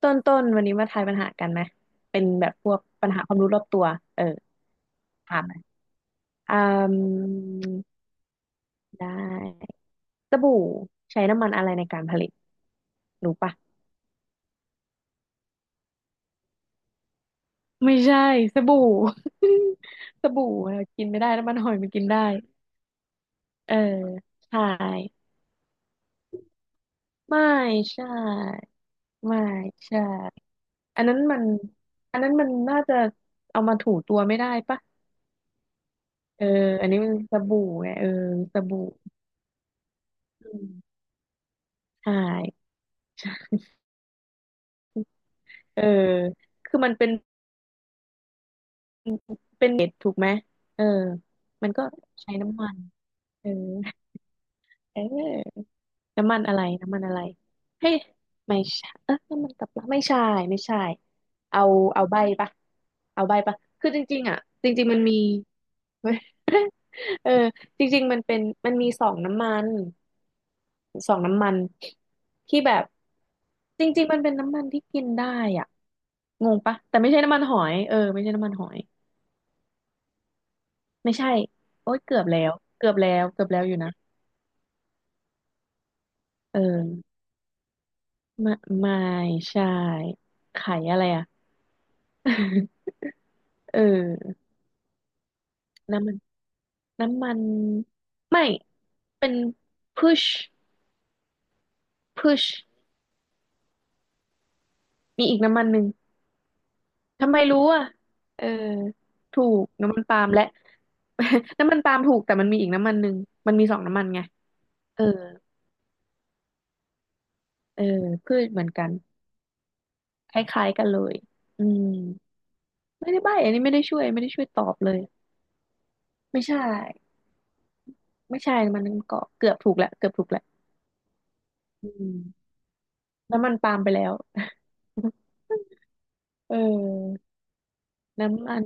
ต้นต้นวันนี้มาทายปัญหากันไหมเป็นแบบพวกปัญหาความรู้รอบตัวเออถามไหมอืมได้สบู่ใช้น้ำมันอะไรในการผลิตรู้ปะไม่ใช่สบู่ สบู่เรากินไม่ได้น้ำมันหอยมันกินได้เออใช่ไม่ใช่ไม่ใช่อันนั้นมันอันนั้นมันน่าจะเอามาถูตัวไม่ได้ปะเอออันนี้มันสบู่ไงเออสบู่อืมใช่ เออคือมันเป็นเป็นเม็ดถูกไหมเออมันก็ใช้น้ำมันเออเออน้ำมันอะไรน้ำมันอะไรเฮ้ยไม่ใช่เออน้ำมันตับปลาไม่ใช่ไม่ใช่ เอาเอาใบปะเอาใบปะคือจริงๆอ่ะจริงๆมันมี เว้ย เออจริงๆมันเป็นมันมีสองน้ำมันสองน้ำมันที่แบบจริงๆมันเป็นน้ำมันที่กินได้อ่ะงงปะแต่ไม่ใช่น้ำมันหอยเออไม่ใช่น้ำมันหอย ไม่ใช่โอ๊ยเกือบแล้ว เกือบแล้วเกือบแล้วอยู่นะเออไม่ไม่ใช่ไข่อะไรอ่ะ เออ น้ำมันน้ำมันไม่เป็นพุชพุชมีอีกน้ำมันหนึ่งทำไมรู้อ่ะเออถูกน้ำมันปาล์มและ น้ำมันปาล์มถูกแต่มันมีอีกน้ำมันหนึ่งมันมีสองน้ำมันไงเออเออพืชเหมือนกันคล้ายๆกันเลยอืมไม่ได้ใบ้อันนี้ไม่ได้ช่วยไม่ได้ช่วยตอบเลย ไม่ใช่ ไม่ใช่มันก็เกือบถูกแหล้วเกือบถูกแหล้วอืมน้ำมันปาล์มไปแล้วเออน้ำมัน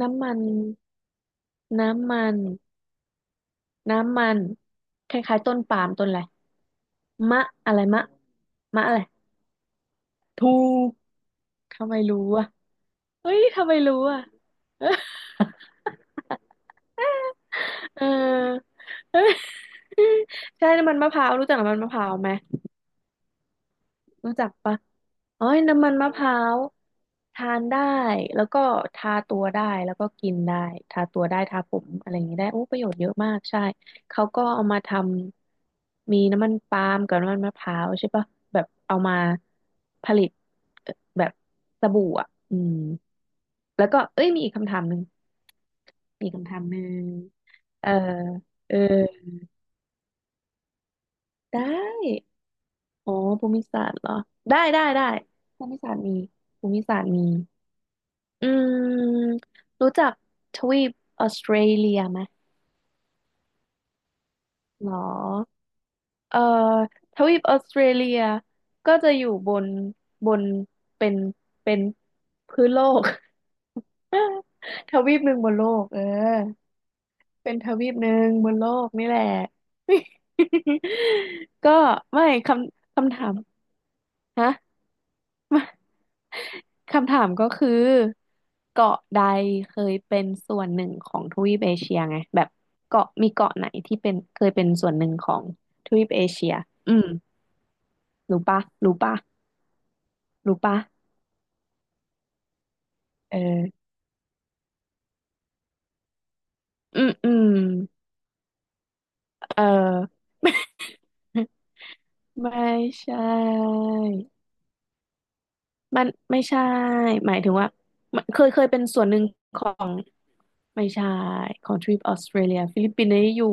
น้ำมันน้ำมันน้ำมันคล้ายๆต้นปาล์มต้นอะไรมะอะไรมะมะอะไรถูกทำไมรู้อ่ะเฮ้ยทำไมรู้อ่ะ เออ อใช่น้ำมันมะพร้าวรู้จักน้ำมันมะพร้าวไหม รู้จักปะอ๋อยน้ำมันมะพร้าวทานได้แล้วก็ทาตัวได้แล้วก็กินได้ทาตัวได้ทาผมอะไรอย่างนี้ได้โอ้ประโยชน์เยอะมากใช่เขาก็เอามาทำมีน้ำมันปาล์มกับน้ำมันมะพร้าวใช่ปะแบบเอามาผลิตเอ่อแบบสบู่อ่ะอืมแล้วก็เอ้ยมีอีกคำถามหนึ่งมีอีกคำถามหนึ่งเออเออได้ อ๋อภูมิศาสตร์เหรอได้ได้ได้ภูมิศาสตร์มีภูมิศาสตร์มีอืมรู้จักทวีปออสเตรเลียไหมหรอเอ่อทวีปออสเตรเลียก็จะอยู่บนบนเป็นเป็นพื้นโลก ทวีปหนึ่งบนโลกเออเป็นทวีปหนึ่งบนโลกนี่แหละ ก็ไม่คำคำถามฮะ คำถามก็คือเกาะใดเคยเป็นส่วนหนึ่งของทวีปเอเชียไงแบบเกาะมีเกาะไหนที่เป็นเคยเป็นส่วนหนึ่งของทวีปเอเชียอืมรู้ปะรู้ปะรู้ปะเอออืมอืมเออ ไม่ใช่มันไม่ใช่หมายถึงว่ามันเคยเป็นส่วนหนึ่งของไม่ใช่ของทริปออสเตรเลียฟิลิปปินส์นี่อยู่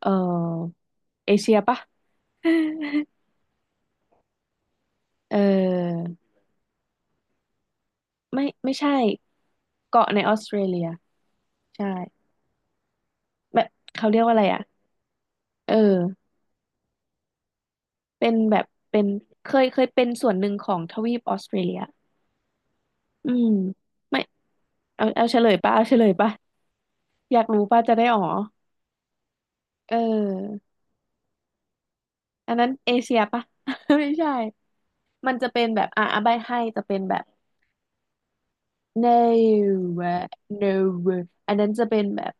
เอ่อเอเชียปะ เออไม่ไม่ใช่เกาะในออสเตรเลียใช่แบบเขาเรียกว่าอะไรอ่ะเออเป็นแบบเป็นเคยเป็นส่วนหนึ่งของทวีปออสเตรเลียอืมไม่เอาเอาเฉลยป่ะเอาเฉลยป่ะอยากรู้ป่ะจะได้อ๋อเอออันนั้นเอเชียป่ะ ไม่ใช่มันจะเป็นแบบอ่ะอ่ะใบให้จะเป็นแบบ no อะ no อันนั้นจะเป็นแบบ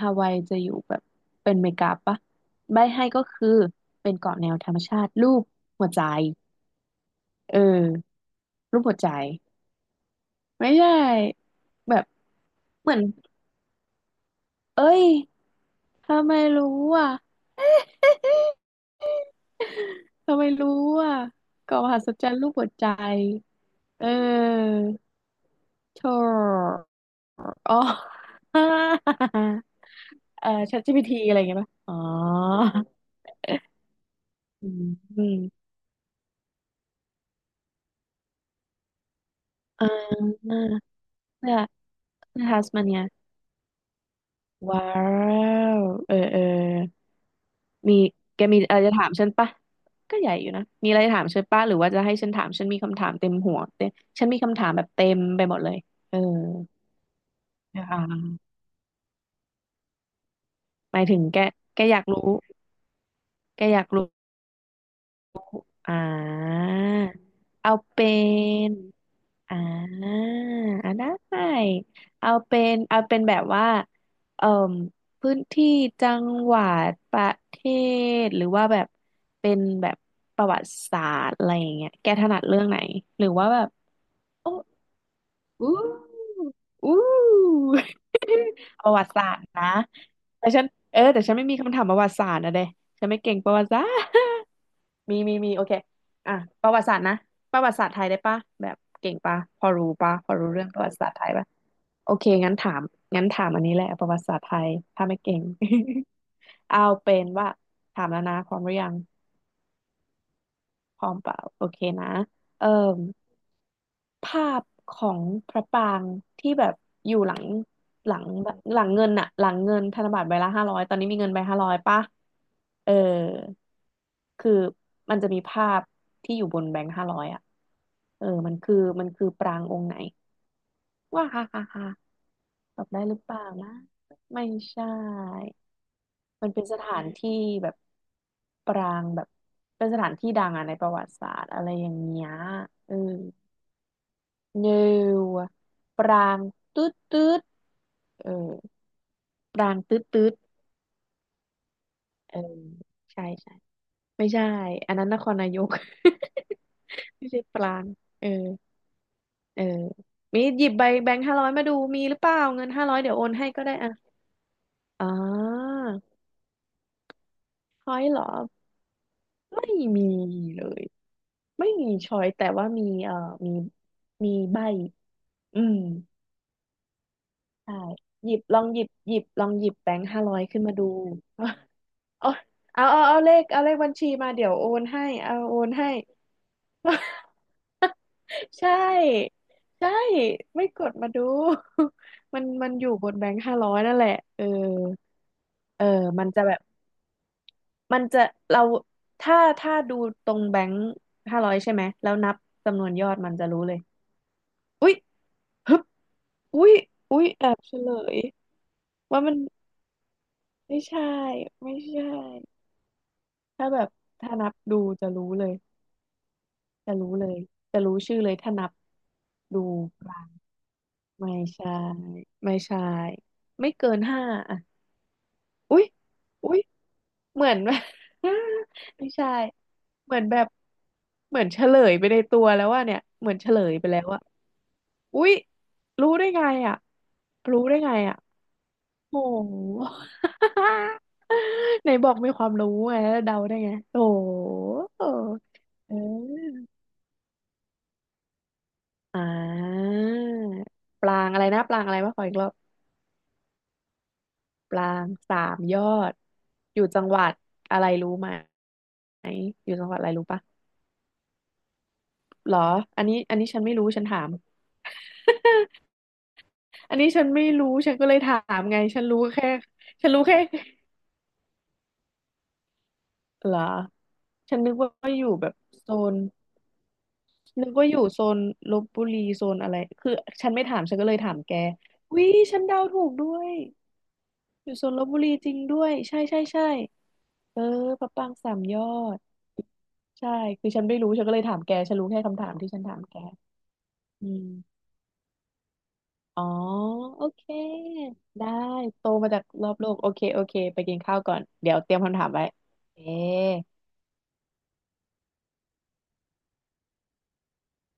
ฮาวายจะอยู่แบบเป็นเมกาปะใบให้ก็คือเป็นเกาะแนวธรรมชาติรูปหัวใจเออรูปหัวใจไม่ใช่แบบเหมือนเอ้ยทำไมรู้อ่ะ ทำไมรู้อ่ะเกาะมหัศจรรย์รูปหัวใจเออโธ่อ๋อ เออ ChatGPT อะไรอย่างเงี้ยป่ะอ๋อ อืมอืมอ่าเสื้อเสื้อทัสมาเนียว้าวเออเออมีแกมีอะไรจะถามฉันปะก็ใหญ่อยู่นะมีอะไรจะถามฉันปะหรือว่าจะให้ฉันถามฉันมีคำถามเต็มหัวเต็มฉันมีคำถามแบบเต็มไปหมดเลยเอออ่าหมายถึงแกแกอยากรู้แกอยากรู้อ่าเอาเป็น อ่าอ่าได้เอาเป็นเอาเป็นแบบว่าเอ่มพื้นที่จังหวัดประเทศหรือว่าแบบเป็นแบบประวัติศาสตร์อะไรอย่างเงี้ยแกถนัดเรื่องไหนหรือว่าแบบโอ้อู้อู้ ประวัติศาสตร์นะแต่ฉันเออแต่ฉันไม่มีคำถามประวัติศาสตร์นะเด้ฉันไม่เก่งประวัติศาสตร์ มีมีมีโอเคอ่ะประวัติศาสตร์นะประวัติศาสตร์ไทยได้ปะแบบเก่งปะพอรู้ปะพอรู้เรื่องประวัติศาสตร์ไทยปะโอเคงั้นถามงั้นถามอันนี้แหละประวัติศาสตร์ไทยถ้าไม่เก่ง เอาเป็นว่าถามแล้วนะพร้อมหรือยังพร้อมเปล่าโอเคนะเอิ่ม ภาพของพระปรางที่แบบอยู่หลังหลังหลังเงินอะหลังเงินธนบัตรใบละห้าร้อยตอนนี้มีเงินใบห้าร้อยป่ะเออคือมันจะมีภาพที่อยู่บนแบงค์ห้าร้อยอะเออมันคือปรางองค์ไหนว่าฮ่าฮ่าฮ่าตอบได้หรือเปล่านะไม่ใช่มันเป็นสถานที่แบบปรางแบบเป็นสถานที่ดังอะในประวัติศาสตร์อะไรอย่างเงี้ยเออ no ปรางตืดตืดเออปรางตืดตืดเออใช่ใช่ไม่ใช่อันนั้นนครนายก ไม่ใช่ปรางเออเออมีหยิบใบแบงค์ห้าร้อยมาดูมีหรือเปล่าเงินห้าร้อยเดี๋ยวโอนให้ก็ได้อ่ะอ๋อช้อยเหรอไม่มีเลยไม่มีช้อยแต่ว่ามีมีมีใบอืมใช่หยิบลองหยิบหยิบลองหยิบแบงค์ห้าร้อยขึ้นมาดู เอาเอาเอาเลขเอาเลขบัญชีมาเดี๋ยวโอนให้เอาโอนให้ ใช่ใช่ไม่กดมาดู มันอยู่บนแบงค์ห้าร้อยนั่นแหละเออเออมันจะแบบมันจะเราถ้าดูตรงแบงค์ห้าร้อยใช่ไหมแล้วนับจำนวนยอดมันจะรู้เลยอุ๊ยฮึบอุ๊ยอุ๊ยแอบเฉลยว่ามันไม่ใช่ไม่ใช่ถ้าแบบถ้านับดูจะรู้เลย จะรู้เลยจะรู้ชื่อเลยถ้านับดูรลานไม่ใช่ไม่ใช่ไม่เกินห้าอ่ะอุ๊ยอุ๊ยเหมือน ไม่ใช่เหมือนแบบเหมือนเฉลยไปในตัวแล้วว่าเนี่ยเหมือนเฉลยไปแล้วว่าะอุ๊ยรู้ได้ไงอ่ะรู้ได้ไงอ่ะโอ้โห ไหนบอกมีความรู้ไงแล้วเดาได้ไงโอ้โหเออ อ่าปรางอะไรนะปรางอะไรมาขออีกรอบปรางสามยอดอยู่จังหวัดอะไรรู้ไหมอยู่จังหวัดอะไรรู้ปะหรออันนี้อันนี้ฉันไม่รู้ฉันถาม อันนี้ฉันไม่รู้ฉันก็เลยถามไงฉันรู้แค่ฉันรู้แค่เหรอฉันนึกว่าอยู่แบบโซนนึกว่าอยู่โซนลพบุรีโซนอะไรคือฉันไม่ถามฉันก็เลยถามแกวิฉันเดาถูกด้วย อยู่สนลบุรีจริงด้วยใช่ใช่ใช่เออพระปรางสามยอดใช่คือฉันไม่รู้ฉันก็เลยถามแกฉันรู้แค่คำถามที่ฉันถามแกอืมอ๋อโอเคได้โตมาจากรอบโลกโอเคโอเคไปกินข้าวก่อนเดี๋ยวเตรียมคำถามไว้เอ